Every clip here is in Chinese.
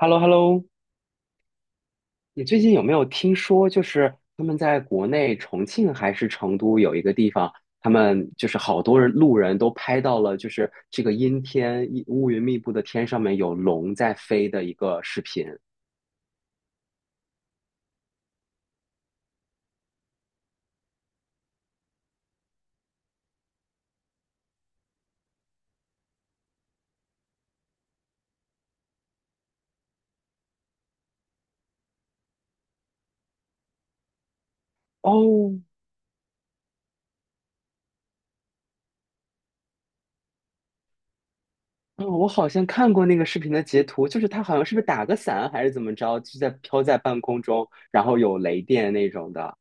h e l l o h e l l o 你最近有没有听说，就是他们在国内重庆还是成都有一个地方，他们就是好多人路人都拍到了，就是这个阴天一乌云密布的天上面有龙在飞的一个视频。哦，嗯，我好像看过那个视频的截图，就是他好像是不是打个伞还是怎么着，就在飘在半空中，然后有雷电那种的。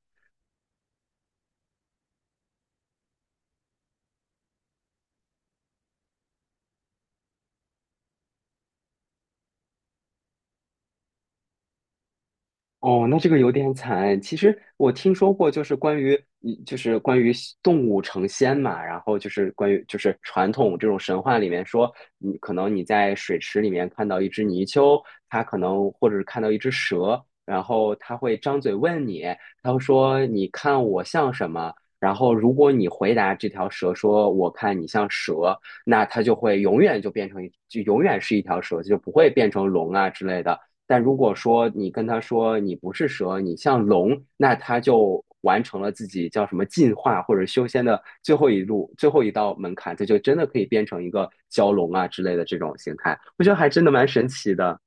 哦，那这个有点惨。其实我听说过，就是关于，就是关于动物成仙嘛，然后就是关于，就是传统这种神话里面说，你可能你在水池里面看到一只泥鳅，它可能或者是看到一只蛇，然后它会张嘴问你，它会说你看我像什么？然后如果你回答这条蛇说我看你像蛇，那它就会永远就变成一，就永远是一条蛇，就不会变成龙啊之类的。但如果说你跟他说你不是蛇，你像龙，那他就完成了自己叫什么进化或者修仙的最后一路、最后一道门槛，他就真的可以变成一个蛟龙啊之类的这种形态。我觉得还真的蛮神奇的。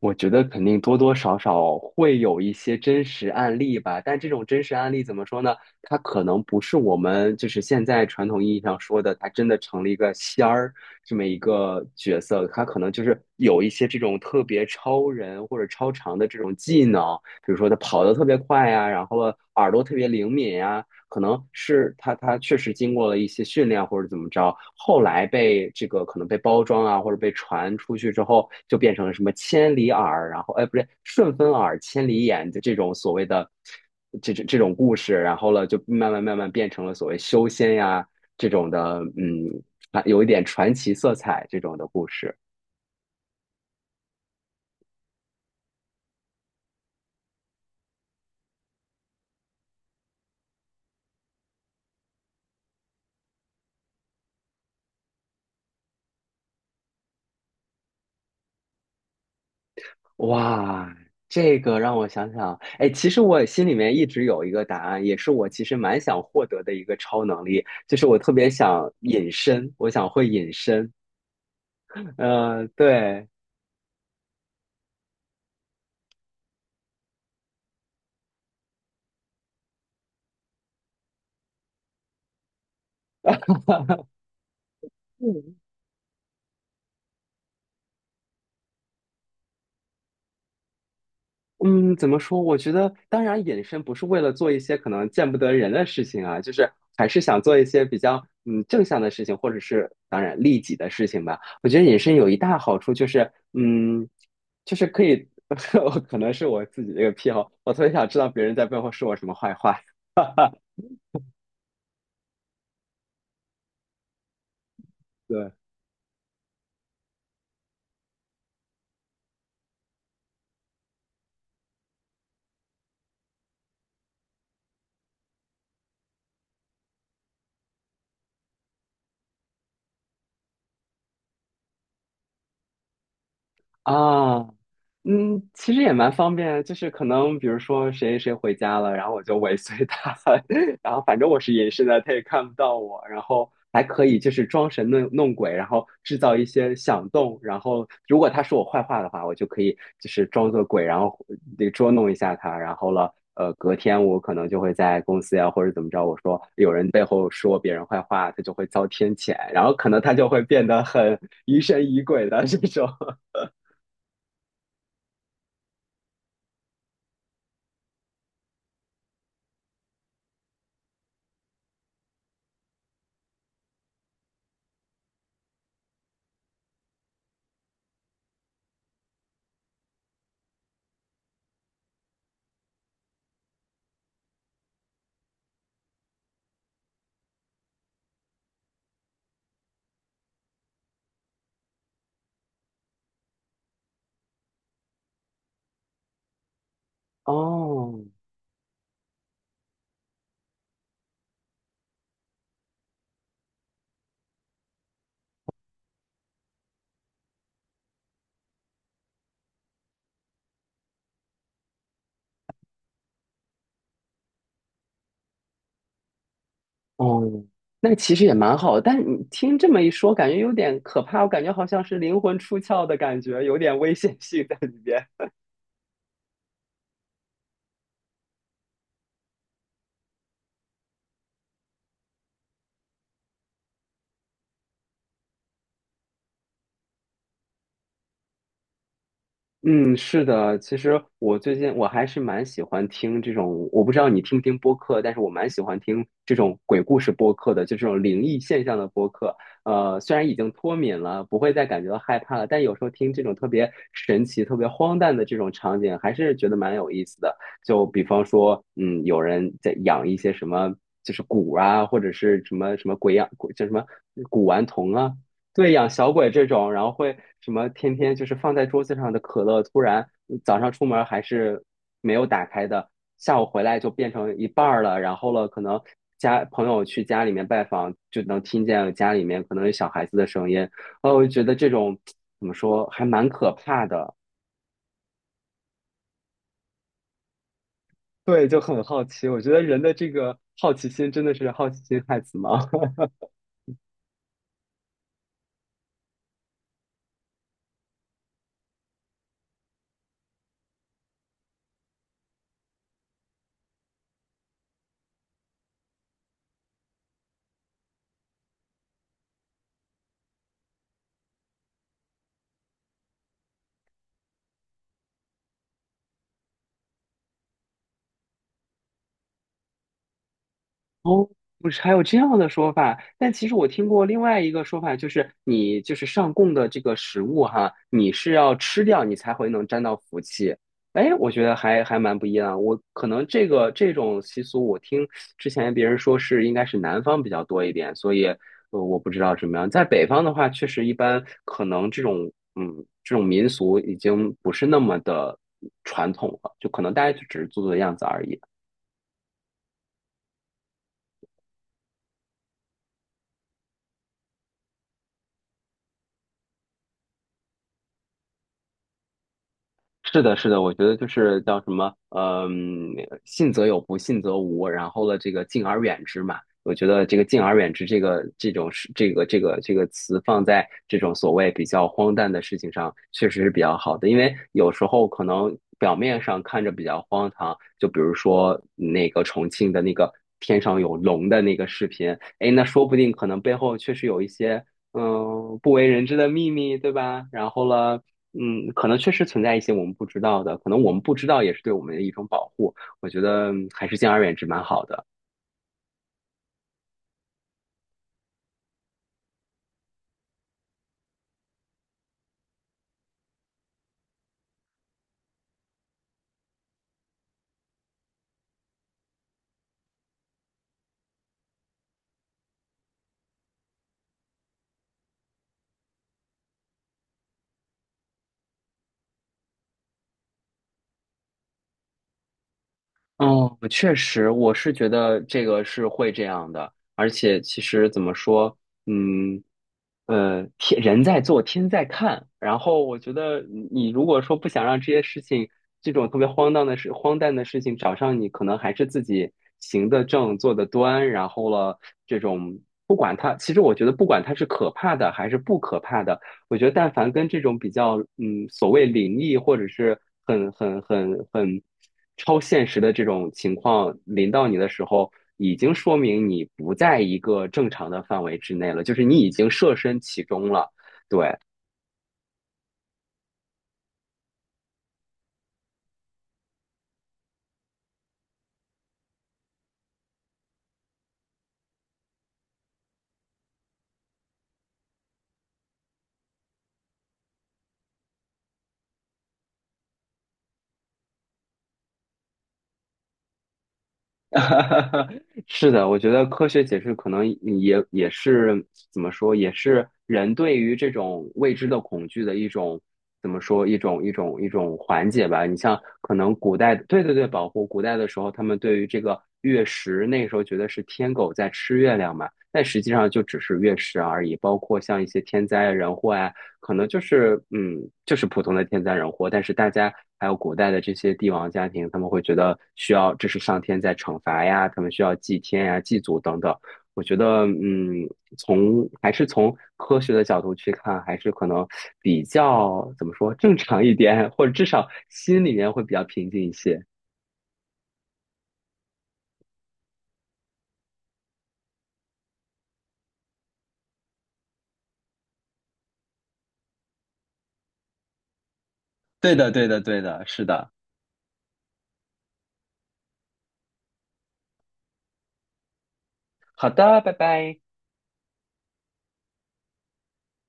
我觉得肯定多多少少会有一些真实案例吧，但这种真实案例怎么说呢？它可能不是我们就是现在传统意义上说的，它真的成了一个仙儿这么一个角色，它可能就是有一些这种特别超人或者超常的这种技能，比如说它跑得特别快呀、然后耳朵特别灵敏呀、可能是他确实经过了一些训练或者怎么着，后来被这个可能被包装啊，或者被传出去之后，就变成了什么千里耳，然后哎不对，顺风耳、千里眼的这种所谓的这种故事，然后了就慢慢变成了所谓修仙呀这种的，嗯，啊有一点传奇色彩这种的故事。哇，这个让我想想，哎，其实我心里面一直有一个答案，也是我其实蛮想获得的一个超能力，就是我特别想隐身，我想会隐身。嗯，对，嗯，怎么说？我觉得，当然，隐身不是为了做一些可能见不得人的事情啊，就是还是想做一些比较嗯正向的事情，或者是当然利己的事情吧。我觉得隐身有一大好处就是，嗯，就是可以，可能是我自己的一个癖好，我特别想知道别人在背后说我什么坏话。对，啊，嗯，其实也蛮方便，就是可能比如说谁谁回家了，然后我就尾随他，然后反正我是隐身的，他也看不到我，然后还可以就是装神弄鬼，然后制造一些响动，然后如果他说我坏话的话，我就可以就是装作鬼，然后那个捉弄一下他，然后了，隔天我可能就会在公司呀或者怎么着，我说有人背后说别人坏话，他就会遭天谴，然后可能他就会变得很疑神疑鬼的这种。哦哦，那其实也蛮好的，但你听这么一说，感觉有点可怕，我感觉好像是灵魂出窍的感觉，有点危险性在里边。嗯，是的，其实我最近我还是蛮喜欢听这种，我不知道你听不听播客，但是我蛮喜欢听这种鬼故事播客的，就这种灵异现象的播客。虽然已经脱敏了，不会再感觉到害怕了，但有时候听这种特别神奇、特别荒诞的这种场景，还是觉得蛮有意思的。就比方说，嗯，有人在养一些什么，就是蛊啊，或者是什么什么鬼养，鬼叫什么古玩童啊，对，养小鬼这种，然后会什么天天就是放在桌子上的可乐，突然嗯早上出门还是没有打开的，下午回来就变成一半儿了，然后了，可能家朋友去家里面拜访，就能听见家里面可能有小孩子的声音，哦，我就觉得这种怎么说还蛮可怕的，对，就很好奇，我觉得人的这个好奇心真的是好奇心害死猫，哦，不是，还有这样的说法。但其实我听过另外一个说法，就是你就是上供的这个食物哈，你是要吃掉你才会能沾到福气。哎，我觉得还蛮不一样。我可能这个这种习俗，我听之前别人说是应该是南方比较多一点，所以我不知道怎么样。在北方的话，确实一般可能这种嗯这种民俗已经不是那么的传统了，就可能大家就只是做做样子而已。是的，是的，我觉得就是叫什么，嗯，信则有，不信则无。然后呢，这个敬而远之嘛，我觉得这个敬而远之这个这种事，这个词放在这种所谓比较荒诞的事情上，确实是比较好的。因为有时候可能表面上看着比较荒唐，就比如说那个重庆的那个天上有龙的那个视频，哎，那说不定可能背后确实有一些。嗯，不为人知的秘密，对吧？然后呢？嗯，可能确实存在一些我们不知道的，可能我们不知道也是对我们的一种保护。我觉得嗯还是敬而远之蛮好的。嗯，确实，我是觉得这个是会这样的，而且其实怎么说，嗯，天人在做，天在看。然后我觉得你如果说不想让这些事情，这种特别荒诞的事、荒诞的事情找上你，可能还是自己行得正、坐得端。然后了，这种不管它，其实我觉得不管它是可怕的还是不可怕的，我觉得但凡跟这种比较，嗯，所谓灵异或者是很超现实的这种情况临到你的时候，已经说明你不在一个正常的范围之内了，就是你已经设身其中了。对，是的，我觉得科学解释可能也是怎么说，也是人对于这种未知的恐惧的一种怎么说，一种缓解吧。你像可能古代，对对对，保护古代的时候，他们对于这个月食，那时候觉得是天狗在吃月亮嘛，但实际上就只是月食而已。包括像一些天灾啊人祸啊可能就是嗯，就是普通的天灾人祸，但是大家还有古代的这些帝王家庭，他们会觉得需要这是上天在惩罚呀，他们需要祭天呀、祭祖等等。我觉得嗯，从还是从科学的角度去看，还是可能比较怎么说正常一点，或者至少心里面会比较平静一些。对的，对的，对的，是的。好的，拜拜。